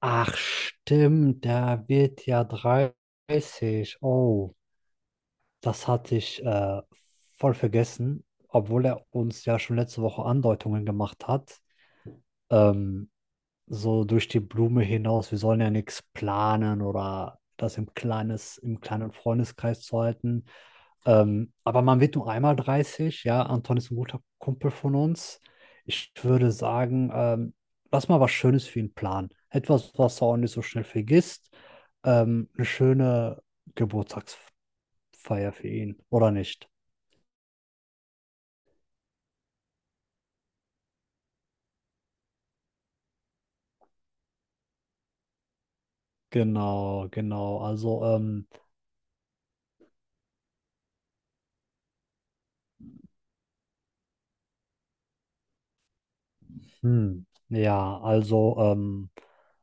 Ach stimmt, der wird ja 30. Oh, das hatte ich voll vergessen, obwohl er uns ja schon letzte Woche Andeutungen gemacht hat. Ähm, so durch die Blume hinaus, wir sollen ja nichts planen oder das im kleines, im kleinen Freundeskreis zu halten. Aber man wird nur einmal 30, ja. Anton ist ein guter Kumpel von uns. Ich würde sagen, lass mal was Schönes für ihn planen. Etwas, was er auch nicht so schnell vergisst. Eine schöne Geburtstagsfeier für ihn, oder nicht? Genau, genau. Also, ja, also,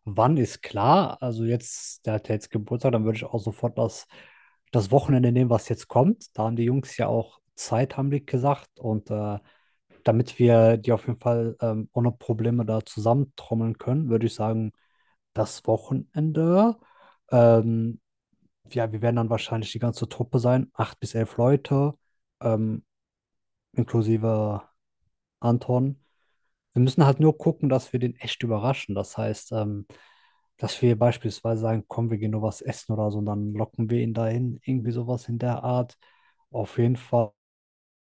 wann ist klar? Also jetzt, der hat ja jetzt Geburtstag, dann würde ich auch sofort das Wochenende nehmen, was jetzt kommt. Da haben die Jungs ja auch Zeit, haben die gesagt. Und damit wir die auf jeden Fall ohne Probleme da zusammentrommeln können, würde ich sagen, das Wochenende. Ähm, ja, wir werden dann wahrscheinlich die ganze Truppe sein, 8 bis 11 Leute, ähm, inklusive Anton. Wir müssen halt nur gucken, dass wir den echt überraschen. Das heißt, dass wir beispielsweise sagen, komm, wir gehen nur was essen oder so, und dann locken wir ihn dahin, irgendwie sowas in der Art. Auf jeden Fall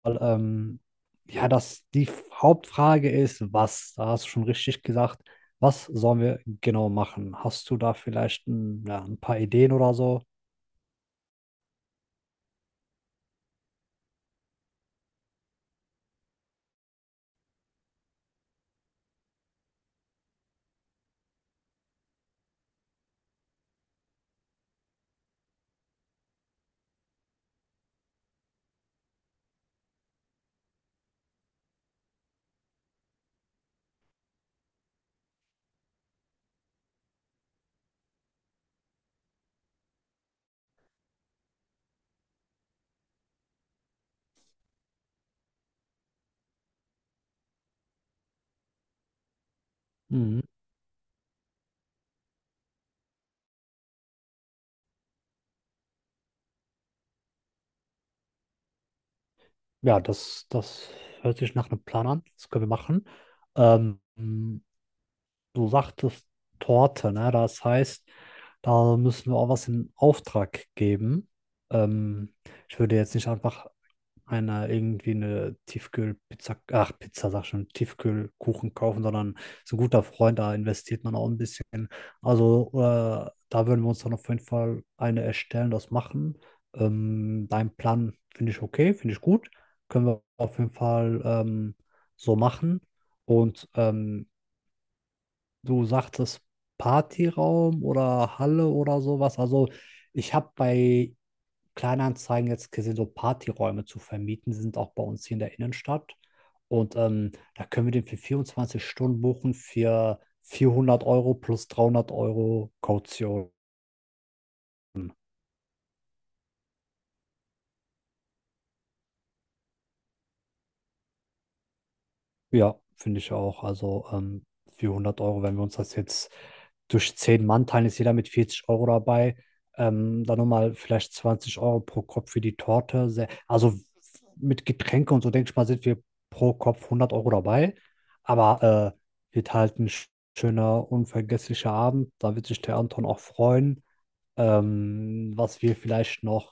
ähm, ja, dass die Hauptfrage ist, was, da hast du schon richtig gesagt, was sollen wir genau machen? Hast du da vielleicht ein, ja, ein paar Ideen oder so? Mhm. Ja, das hört sich nach einem Plan an. Das können wir machen. Ähm, Du sagtest Torte, ne? Das heißt, da müssen wir auch was in Auftrag geben. Ähm, Ich würde jetzt nicht einfach einer irgendwie eine Tiefkühlpizza, ach Pizza sag schon, Tiefkühlkuchen kaufen, sondern ist ein guter Freund, da investiert man auch ein bisschen. Also da würden wir uns dann auf jeden Fall eine erstellen, das machen. Dein Plan finde ich okay, finde ich gut. Können wir auf jeden Fall so machen. Und du sagtest Partyraum oder Halle oder sowas. Also ich habe bei Kleinanzeigen jetzt gesehen, so Partyräume zu vermieten. Die sind auch bei uns hier in der Innenstadt. Und da können wir den für 24 Stunden buchen für 400 € plus 300 € Kaution. Ja, finde ich auch. Also für hundert Euro, wenn wir uns das jetzt durch 10 Mann teilen, ist jeder mit 40 € dabei. Dann nochmal vielleicht 20 € pro Kopf für die Torte. Sehr, also mit Getränke und so, denke ich mal, sind wir pro Kopf 100 € dabei. Aber wird halt ein schöner, unvergesslicher Abend. Da wird sich der Anton auch freuen. Was wir vielleicht noch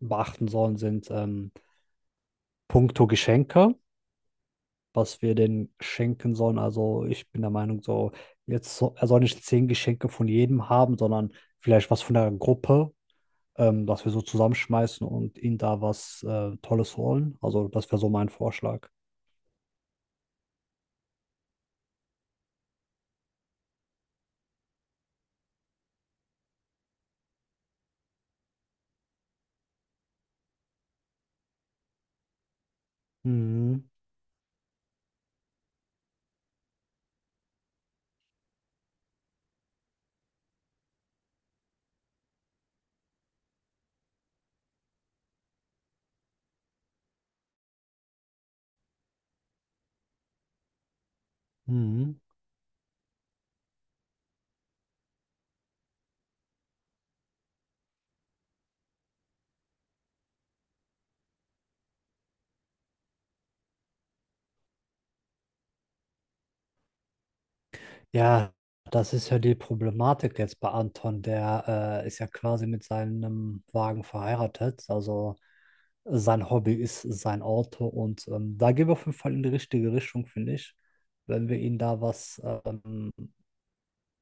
beachten sollen, sind puncto Geschenke, was wir denn schenken sollen. Also ich bin der Meinung, so jetzt so, er soll nicht 10 Geschenke von jedem haben, sondern vielleicht was von der Gruppe, dass wir so zusammenschmeißen und ihnen da was Tolles holen. Also das wäre so mein Vorschlag. Mhm. Mhm. Ja, das ist ja die Problematik jetzt bei Anton. Der ist ja quasi mit seinem Wagen verheiratet. Also sein Hobby ist sein Auto und da gehen wir auf jeden Fall in die richtige Richtung, finde ich. Wenn wir ihm da was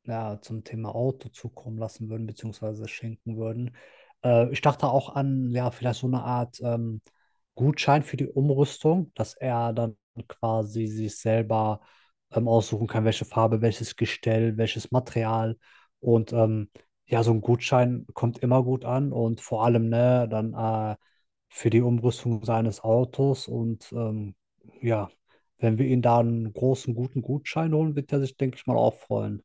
ja, zum Thema Auto zukommen lassen würden, beziehungsweise schenken würden. Ich dachte auch an, ja, vielleicht so eine Art Gutschein für die Umrüstung, dass er dann quasi sich selber aussuchen kann, welche Farbe, welches Gestell, welches Material. Und ja, so ein Gutschein kommt immer gut an und vor allem, ne, dann für die Umrüstung seines Autos und ja. Wenn wir ihn da einen großen, guten Gutschein holen, wird er sich, denke ich mal, auch freuen.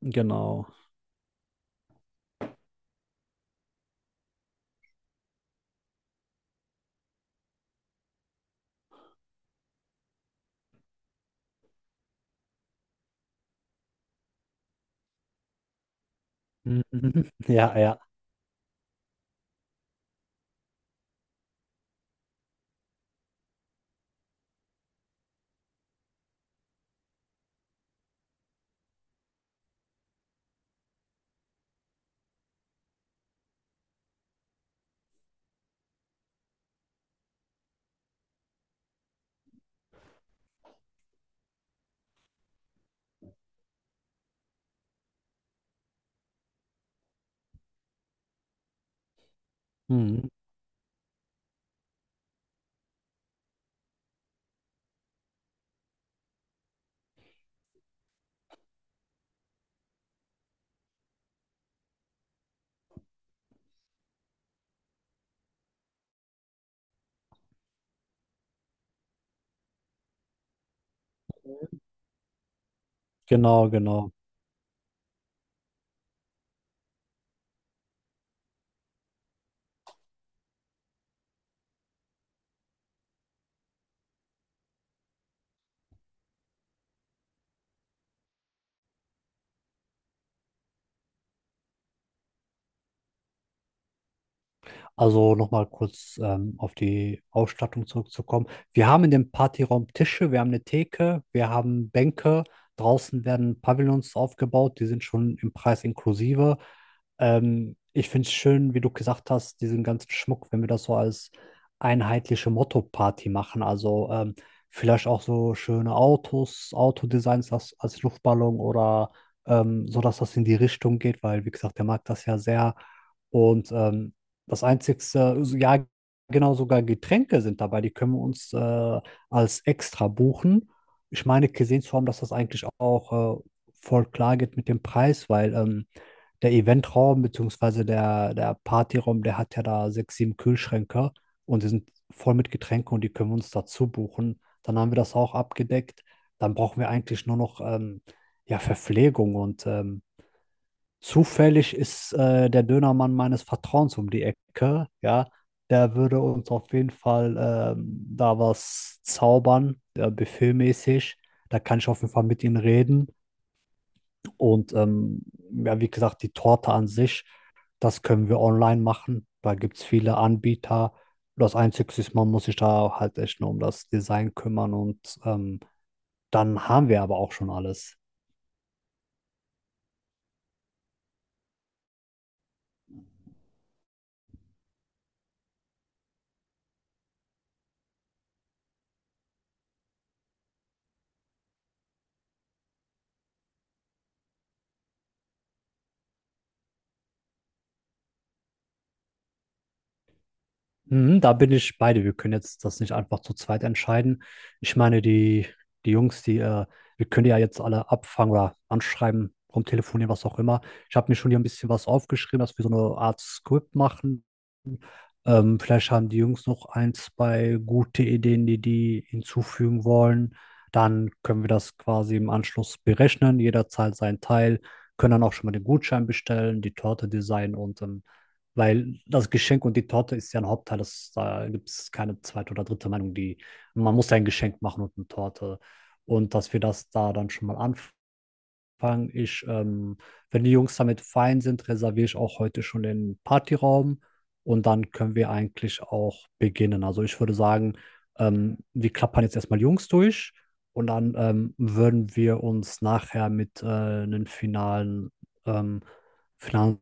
Genau. Mhm. Ja, ja. Mhm. Genau, genau. Also nochmal kurz auf die Ausstattung zurückzukommen. Wir haben in dem Partyraum Tische, wir haben eine Theke, wir haben Bänke. Draußen werden Pavillons aufgebaut, die sind schon im Preis inklusive. Ich finde es schön, wie du gesagt hast, diesen ganzen Schmuck, wenn wir das so als einheitliche Motto-Party machen. Also vielleicht auch so schöne Autos, Autodesigns als Luftballon oder so, dass das in die Richtung geht, weil, wie gesagt, der mag das ja sehr und das einzigste, also, ja, genau, sogar Getränke sind dabei, die können wir uns als extra buchen. Ich meine, gesehen zu haben, dass das eigentlich auch voll klar geht mit dem Preis, weil der Eventraum bzw. der Partyraum, der hat ja da sechs, sieben Kühlschränke und die sind voll mit Getränken und die können wir uns dazu buchen. Dann haben wir das auch abgedeckt. Dann brauchen wir eigentlich nur noch ja, Verpflegung und zufällig ist der Dönermann meines Vertrauens um die Ecke, ja. Der würde uns auf jeden Fall ähm, da was zaubern, buffetmäßig. Da kann ich auf jeden Fall mit ihnen reden. Und ja, wie gesagt, die Torte an sich, das können wir online machen. Da gibt es viele Anbieter. Das Einzige ist, man muss sich da halt echt nur um das Design kümmern und dann haben wir aber auch schon alles. Mhm, da bin ich bei dir. Wir können jetzt das nicht einfach zu zweit entscheiden. Ich meine, die, die Jungs, die, wir können die ja jetzt alle abfangen oder anschreiben, rumtelefonieren, was auch immer. Ich habe mir schon hier ein bisschen was aufgeschrieben, dass wir so eine Art Skript machen, vielleicht haben die Jungs noch ein, zwei gute Ideen, die die hinzufügen wollen. Dann können wir das quasi im Anschluss berechnen. Jeder zahlt seinen Teil, können dann auch schon mal den Gutschein bestellen, die Torte designen und weil das Geschenk und die Torte ist ja ein Hauptteil, das, da gibt es keine zweite oder dritte Meinung, die man muss ja ein Geschenk machen und eine Torte. Und dass wir das da dann schon mal anf fange ich, wenn die Jungs damit fein sind, reserviere ich auch heute schon den Partyraum und dann können wir eigentlich auch beginnen. Also ich würde sagen, wir klappern jetzt erstmal Jungs durch und dann würden wir uns nachher mit einem finalen, ähm, finalen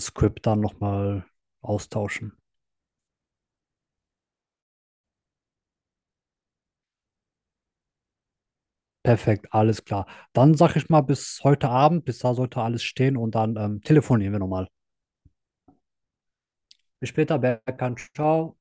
Skript dann nochmal austauschen. Perfekt, alles klar. Dann sage ich mal bis heute Abend, bis da sollte alles stehen und dann telefonieren wir nochmal. Bis später, Berkan, ciao.